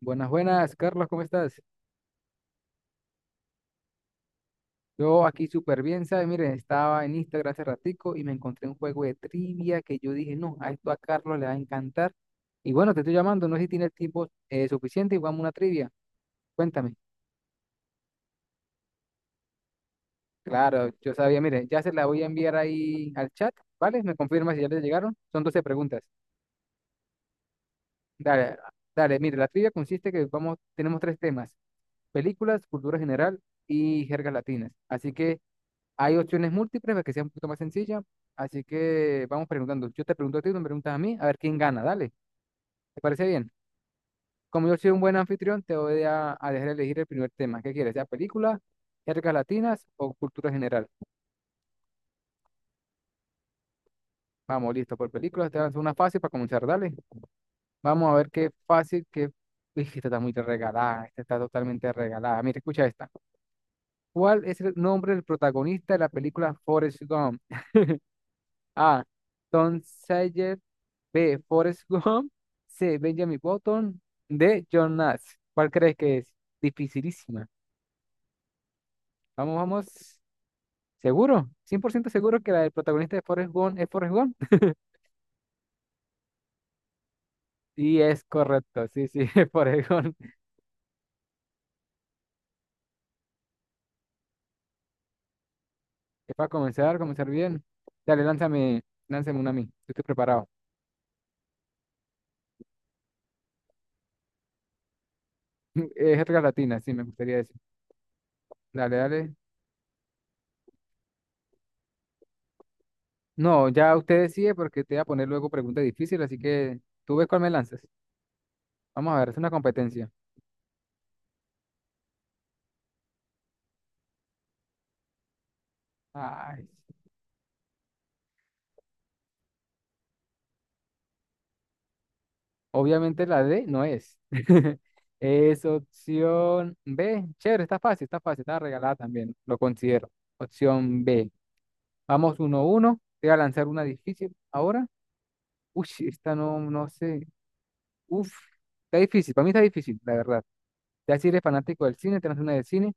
Buenas, buenas, Carlos, ¿cómo estás? Yo aquí súper bien, ¿sabes? Miren, estaba en Instagram hace ratico y me encontré un juego de trivia que yo dije, no, a esto a Carlos le va a encantar. Y bueno, te estoy llamando, no sé si tienes tiempo suficiente y jugamos una trivia. Cuéntame. Claro, yo sabía, mire, ya se la voy a enviar ahí al chat, ¿vale? Me confirma si ya le llegaron. Son 12 preguntas. Dale, dale, mire, la trivia consiste que vamos, tenemos tres temas, películas, cultura general y jergas latinas. Así que hay opciones múltiples para que sea un poquito más sencilla. Así que vamos preguntando. Yo te pregunto a ti, tú me preguntas a mí, a ver quién gana. Dale, ¿te parece bien? Como yo soy un buen anfitrión, te voy a dejar elegir el primer tema. ¿Qué quieres? ¿Ya películas, jergas latinas o cultura general? Vamos, listo, por películas. Te lanzo una fácil para comenzar. Dale. Vamos a ver qué fácil, qué... Uy, esta está muy regalada. Esta está totalmente regalada. Mira, escucha esta. ¿Cuál es el nombre del protagonista de la película Forrest Gump? A. Tom Sawyer. B. Forrest Gump. C. Benjamin Button. D. John Nash. ¿Cuál crees que es? Dificilísima. Vamos, vamos. ¿Seguro? Cien por ciento seguro que la del protagonista de Forrest Gump es Forrest Gump. Y es correcto. Sí, sí, es Forrest Gump. Es para comenzar, comenzar bien. Dale, lánzame, lánzame una a mí. Yo estoy preparado. Es jerga latina, sí, me gustaría decir. Dale, dale. No, ya usted decide porque te voy a poner luego preguntas difíciles, así que tú ves cuál me lanzas. Vamos a ver, es una competencia. Ay, obviamente la D no es. Es opción B. Chévere, está fácil, está fácil, está regalada también, lo considero. Opción B. Vamos 1 uno. Te voy a lanzar una difícil ahora. Uy, esta no, no sé. Uf, está difícil, para mí está difícil, la verdad. Ya si eres fanático del cine, te lanzo una de cine,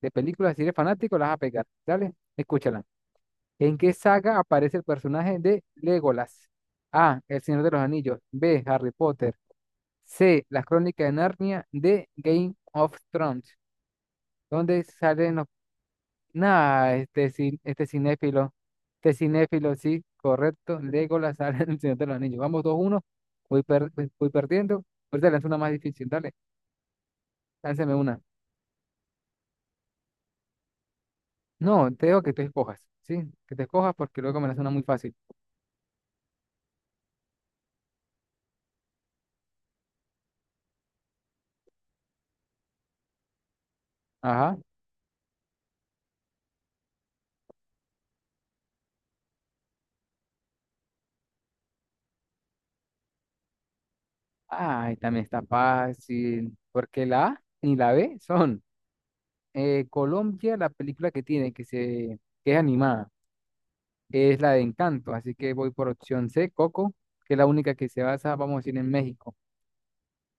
de películas, si eres fanático, las vas a pegar. Dale, escúchala. ¿En qué saga aparece el personaje de Legolas? A. El Señor de los Anillos. B. Harry Potter. C. Las crónicas de Narnia. D. Game of Thrones. Donde salen los... Nada, este, este cinéfilo. Este cinéfilo, sí, correcto. Legolas sale en el Señor de los Anillos. Vamos 2-1. Voy perdiendo. Ahorita lanzo una más difícil. Dale, lánzame una. No, te digo que te escojas, ¿sí? Que te escojas porque luego me la suena muy fácil. Ajá. Ay, también está fácil. Porque la A ni la B son Colombia, la película que tiene, que se que es animada. Es la de Encanto, así que voy por opción C, Coco, que es la única que se basa, vamos a decir, en México.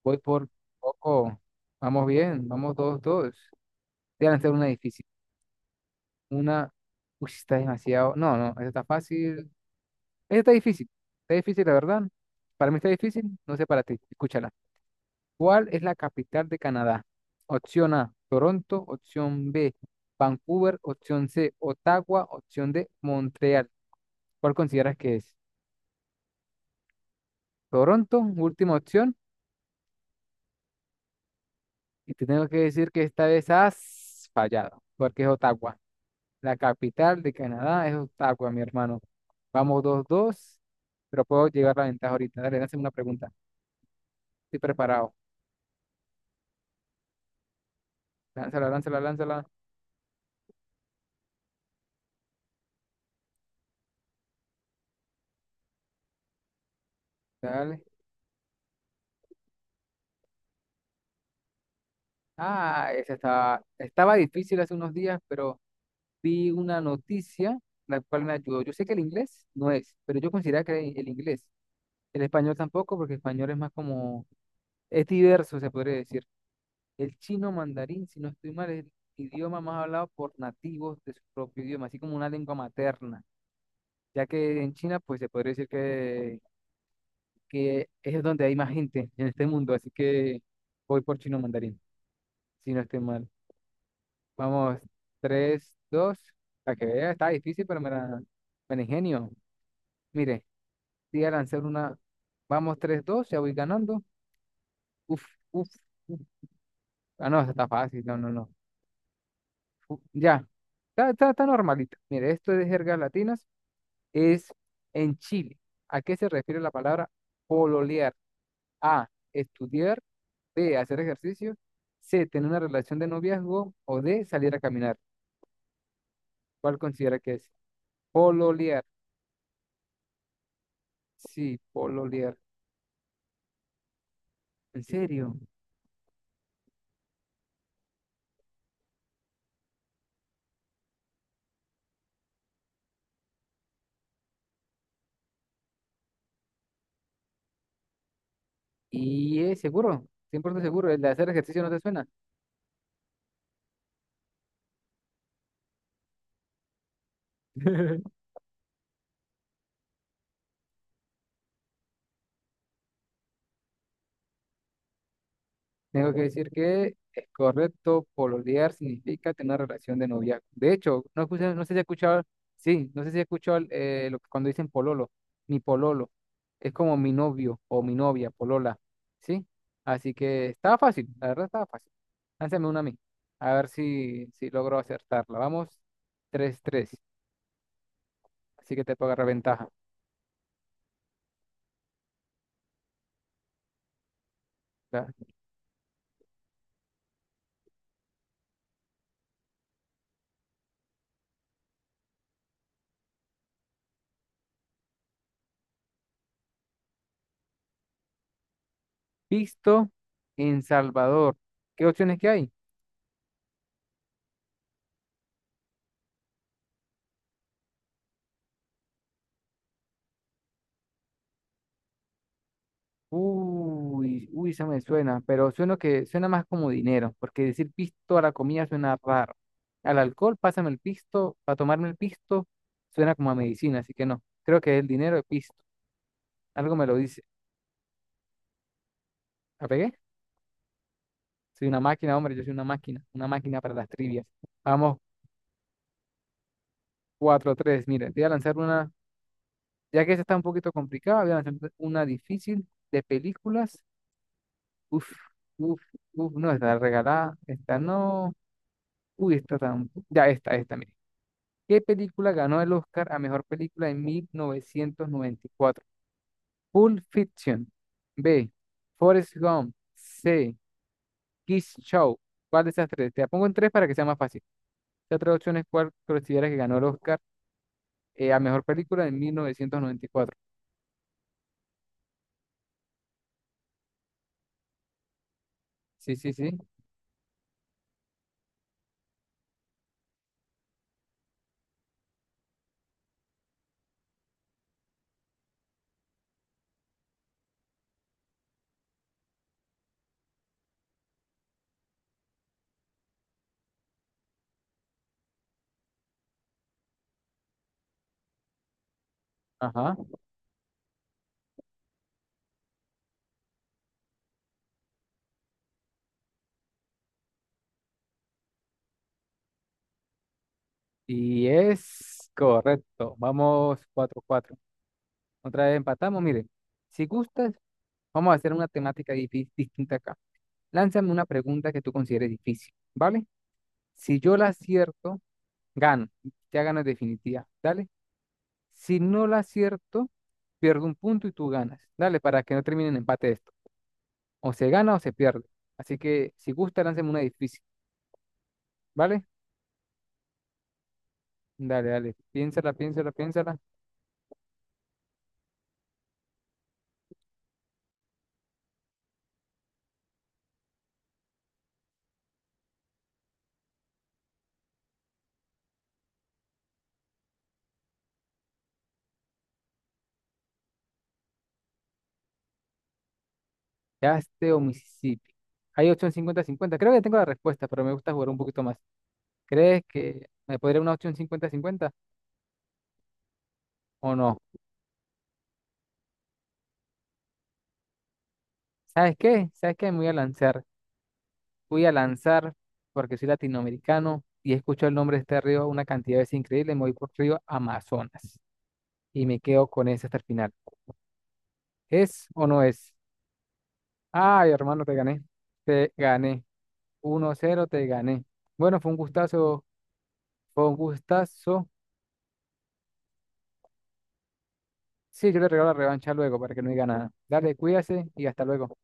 Voy por Coco, vamos bien, vamos todos, todos. Te van a hacer una difícil, una, uy, está demasiado, no, no, esta está fácil, esta está difícil, la verdad. Para mí está difícil, no sé para ti, escúchala. ¿Cuál es la capital de Canadá? Opción A, Toronto, opción B, Vancouver, opción C, Ottawa, opción D, Montreal. ¿Cuál consideras que es? Toronto, última opción. Y te tengo que decir que esta vez has fallado, porque es Ottawa. La capital de Canadá es Ottawa, mi hermano. Vamos 2-2, pero puedo llevar la ventaja ahorita. Dale, lánzame una pregunta. Estoy preparado. Lánzala, lánzala, lánzala. Dale. Ah, esa estaba difícil hace unos días, pero vi una noticia la cual me ayudó. Yo sé que el inglés no es, pero yo considero que el inglés. El español tampoco, porque el español es más como, es diverso, se podría decir. El chino mandarín, si no estoy mal, es el idioma más hablado por nativos de su propio idioma, así como una lengua materna, ya que en China, pues se podría decir que, es donde hay más gente en este mundo, así que voy por chino mandarín, si no estoy mal. Vamos, 3-2, para que vea, está difícil, pero me la ingenio. Mire, voy a lanzar una, vamos, 3-2, ya voy ganando. Uf, uf, uf. Ah, no, esa está fácil, no, no, no. Ya, está normalito. Mire, esto es de jergas latinas, es en Chile. ¿A qué se refiere la palabra pololear? A, estudiar, B, hacer ejercicio, C, tener una relación de noviazgo o D, salir a caminar. ¿Cuál considera que es? Pololear. Sí, pololear. ¿En serio? ¿Y es seguro? 100% seguro. ¿El de hacer ejercicio no te suena? Tengo que decir que es correcto, pololear significa tener una relación de noviazgo. De hecho, no, no sé si he escuchado, sí, no sé si he escuchado lo que cuando dicen pololo, mi pololo, es como mi novio o mi novia, polola, ¿sí? Así que estaba fácil, la verdad estaba fácil. Lánzame una a mí, a ver si logro acertarla. Vamos, 3-3, así que te puedo agarrar ventaja. ¿Ya? Visto en Salvador, ¿qué opciones que hay? Uy, uy, se me suena, pero suena que suena más como dinero, porque decir pisto a la comida suena raro. Al alcohol, pásame el pisto, para tomarme el pisto, suena como a medicina, así que no. Creo que es el dinero de pisto. Algo me lo dice. ¿La pegué? Soy una máquina, hombre, yo soy una máquina para las trivias. Vamos, 4-3. Mire, voy a lanzar una, ya que esta está un poquito complicada, voy a lanzar una difícil de películas. Uf, uf, uf, no, está regalada, esta no. Uy, esta tan. Ya, esta, mira. ¿Qué película ganó el Oscar a mejor película en 1994? Pulp Fiction. B. Forrest Gump. C. Kiss Show. ¿Cuál de esas tres? Te la pongo en tres para que sea más fácil. Estas tres opciones, ¿cuál consideras que ganó el Oscar a mejor película en 1994? Sí, sí, sí. Ajá. Y es correcto. Vamos 4-4. Otra vez empatamos. Mire, si gustas, vamos a hacer una temática distinta acá. Lánzame una pregunta que tú consideres difícil, ¿vale? Si yo la acierto, gano. Ya gano en definitiva. Dale. Si no la acierto, pierdo un punto y tú ganas. Dale, para que no termine en empate esto. O se gana o se pierde. Así que si gusta, lánceme una difícil. ¿Vale? Dale, dale. Piénsala, piénsala, piénsala. Yaste o Mississippi. Hay opción 50-50. Creo que tengo la respuesta, pero me gusta jugar un poquito más. ¿Crees que me podría una opción 50-50 o no? ¿Sabes qué? ¿Sabes qué? Me voy a lanzar. Voy a lanzar, porque soy latinoamericano y escucho el nombre de este río una cantidad de veces increíble, me voy por río Amazonas y me quedo con ese hasta el final. ¿Es o no es? Ay, hermano, te gané. Te gané. 1-0, te gané. Bueno, fue un gustazo, fue un gustazo. Sí, yo le regalo la revancha luego para que no diga nada. Dale, cuídase y hasta luego.